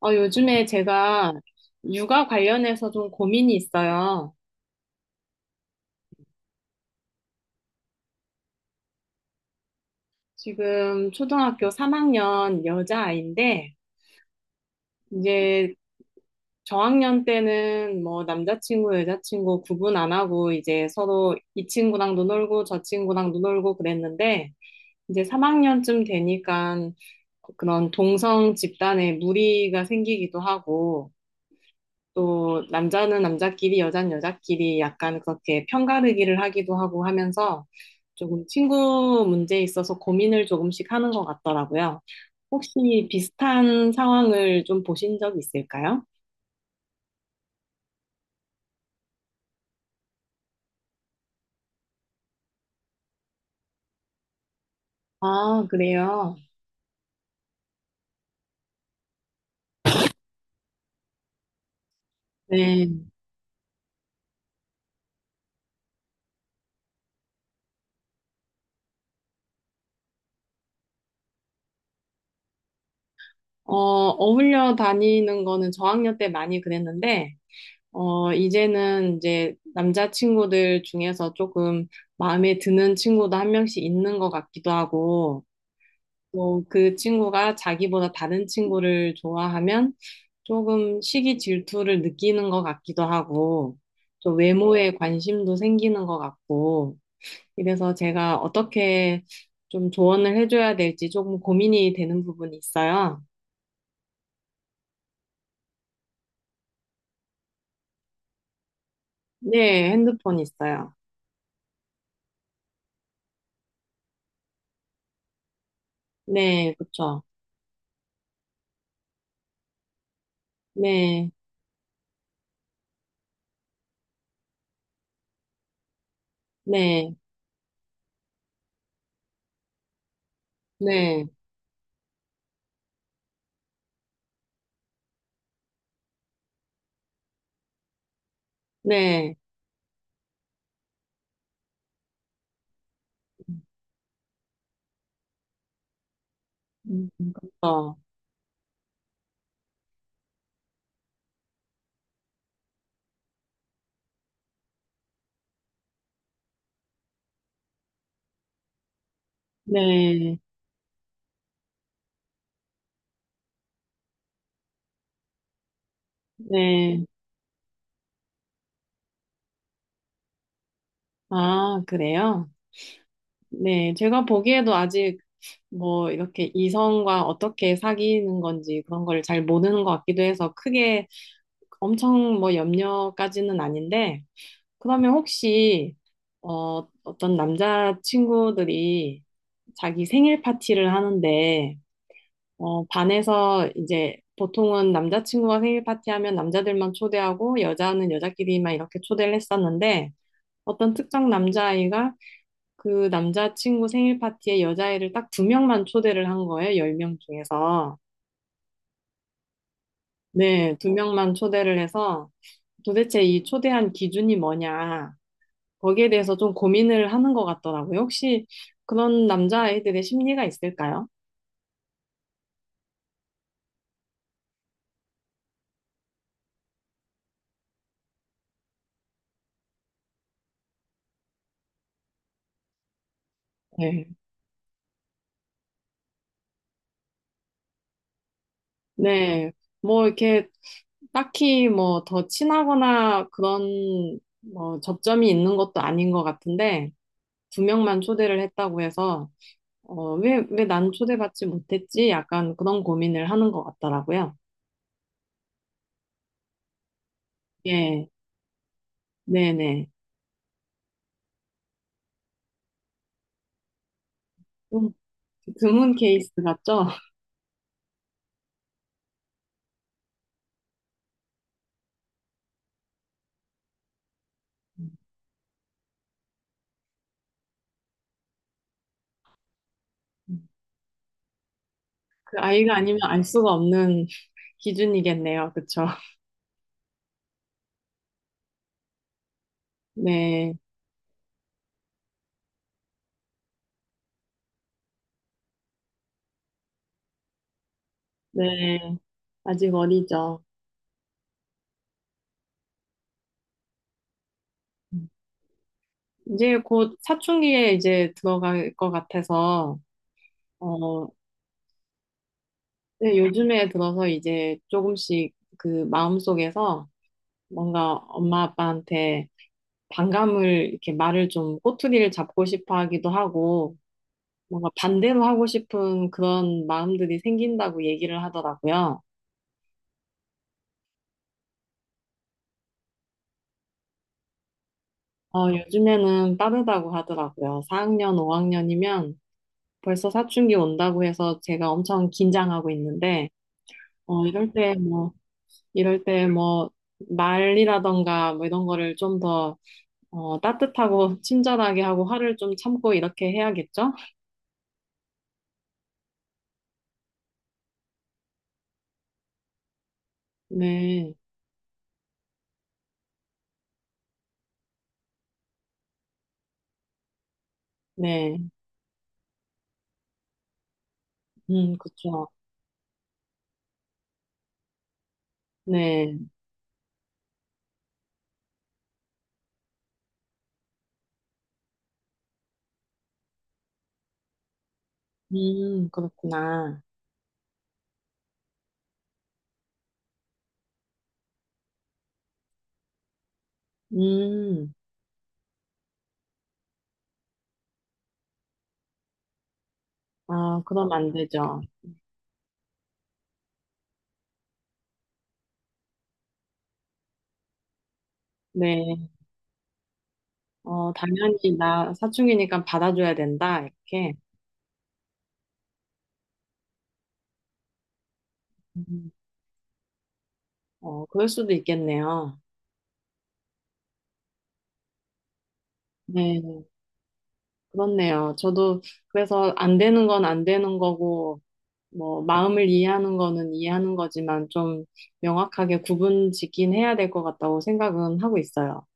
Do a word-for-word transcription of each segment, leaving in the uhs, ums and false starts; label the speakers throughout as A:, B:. A: 어, 요즘에 제가 육아 관련해서 좀 고민이 있어요. 지금 초등학교 삼 학년 여자아이인데, 이제 저학년 때는 뭐 남자친구, 여자친구 구분 안 하고 이제 서로 이 친구랑도 놀고 저 친구랑도 놀고 그랬는데, 이제 삼 학년쯤 되니까 그런 동성 집단에 무리가 생기기도 하고, 또 남자는 남자끼리, 여자는 여자끼리 약간 그렇게 편가르기를 하기도 하고 하면서 조금 친구 문제에 있어서 고민을 조금씩 하는 것 같더라고요. 혹시 비슷한 상황을 좀 보신 적 있을까요? 아, 그래요. 네. 어, 어울려 다니는 거는 저학년 때 많이 그랬는데, 어, 이제는 이제 남자친구들 중에서 조금 마음에 드는 친구도 한 명씩 있는 것 같기도 하고, 뭐, 그 친구가 자기보다 다른 친구를 좋아하면 조금 시기 질투를 느끼는 것 같기도 하고, 또 외모에 관심도 생기는 것 같고, 이래서 제가 어떻게 좀 조언을 해줘야 될지 조금 고민이 되는 부분이 있어요. 네, 핸드폰 있어요. 네, 그쵸. 네, 네, 네, 네. 음, 그쵸. 네, 네. 아, 그래요? 네, 제가 보기에도 아직 뭐 이렇게 이성과 어떻게 사귀는 건지 그런 걸 잘 모르는 것 같기도 해서 크게 엄청 뭐 염려까지는 아닌데, 그러면 혹시, 어, 어떤 남자친구들이 자기 생일 파티를 하는데, 어, 반에서 이제 보통은 남자친구가 생일 파티하면 남자들만 초대하고 여자는 여자끼리만 이렇게 초대를 했었는데, 어떤 특정 남자아이가 그 남자친구 생일 파티에 여자애를 딱 두 명만 초대를 한 거예요. 열 명 중에서. 네, 두 명만 초대를 해서 도대체 이 초대한 기준이 뭐냐. 거기에 대해서 좀 고민을 하는 것 같더라고요. 혹시 그런 남자아이들의 심리가 있을까요? 네. 네. 뭐 이렇게 딱히 뭐 더 친하거나 그런 뭐 접점이 있는 것도 아닌 것 같은데 두 명만 초대를 했다고 해서 어, 왜, 왜 난 초대받지 못했지? 약간 그런 고민을 하는 것 같더라고요. 예, 네네. 좀 드문 케이스 같죠? 그 아이가 아니면 알 수가 없는 기준이겠네요. 그쵸? 네, 네. 아직 어리죠. 이제 곧 사춘기에 이제 들어갈 것 같아서, 어, 네, 요즘에 들어서 이제 조금씩 그 마음속에서 뭔가 엄마 아빠한테 반감을 이렇게 말을 좀 꼬투리를 잡고 싶어 하기도 하고 뭔가 반대로 하고 싶은 그런 마음들이 생긴다고 얘기를 하더라고요. 어, 요즘에는 빠르다고 하더라고요. 사 학년, 오 학년이면 벌써 사춘기 온다고 해서 제가 엄청 긴장하고 있는데 어, 이럴 때 뭐, 이럴 때 뭐, 말이라던가 뭐 이런 거를 좀 더, 어, 따뜻하고 친절하게 하고 화를 좀 참고 이렇게 해야겠죠? 네, 네, 음, 그쵸. 네. 음, 그렇구나. 음, 아, 그럼 안 되죠. 네, 어, 당연히 나 사춘기니까 받아줘야 된다, 이렇게. 음, 어, 그럴 수도 있겠네요. 네, 그렇네요. 저도 그래서 안 되는 건 안 되는 거고, 뭐, 마음을 이해하는 거는 이해하는 거지만 좀 명확하게 구분 짓긴 해야 될 것 같다고 생각은 하고 있어요.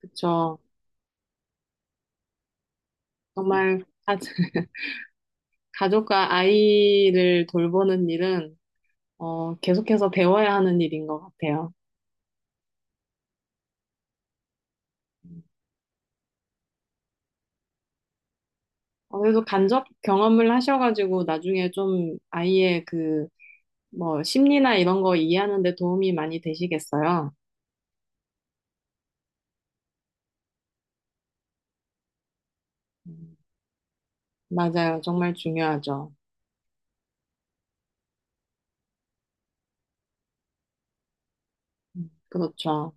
A: 그쵸. 정말 가- 가족과 아이를 돌보는 일은 어, 계속해서 배워야 하는 일인 것 같아요. 어, 그래도 간접 경험을 하셔가지고 나중에 좀 아이의 그, 뭐, 심리나 이런 거 이해하는 데 도움이 많이 되시겠어요. 음, 맞아요. 정말 중요하죠. 음, 그렇죠.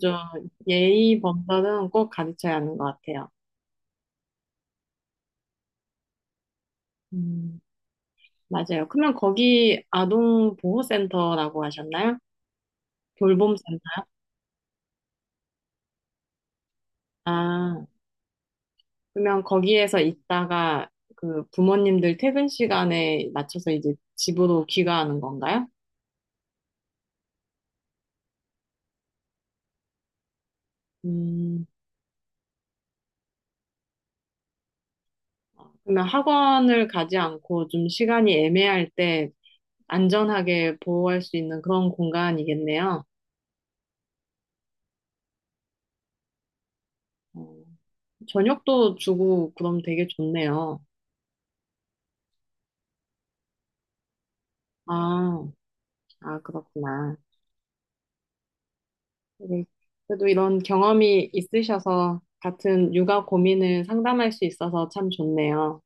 A: 저 예의 범절은 꼭 가르쳐야 하는 것 같아요. 음, 맞아요. 그러면 거기 아동보호센터라고 하셨나요? 돌봄센터요? 아, 그러면 거기에서 있다가 그 부모님들 퇴근 시간에 맞춰서 이제 집으로 귀가하는 건가요? 음, 그러면 학원을 가지 않고 좀 시간이 애매할 때 안전하게 보호할 수 있는 그런 공간이겠네요. 어, 저녁도 주고 그럼 되게 좋네요. 아, 아, 그렇구나. 되게 그래도 이런 경험이 있으셔서 같은 육아 고민을 상담할 수 있어서 참 좋네요.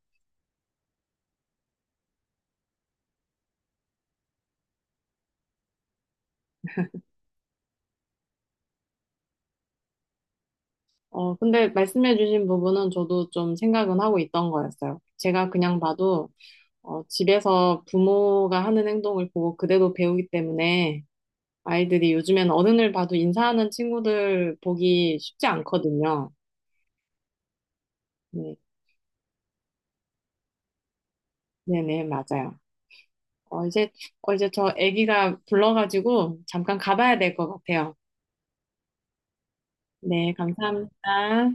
A: 어, 근데 말씀해주신 부분은 저도 좀 생각은 하고 있던 거였어요. 제가 그냥 봐도 어, 집에서 부모가 하는 행동을 보고 그대로 배우기 때문에 아이들이 요즘엔 어른을 봐도 인사하는 친구들 보기 쉽지 않거든요. 네, 네네, 맞아요. 어, 이제, 어, 이제 저 아기가 불러가지고 잠깐 가봐야 될 것 같아요. 네, 감사합니다.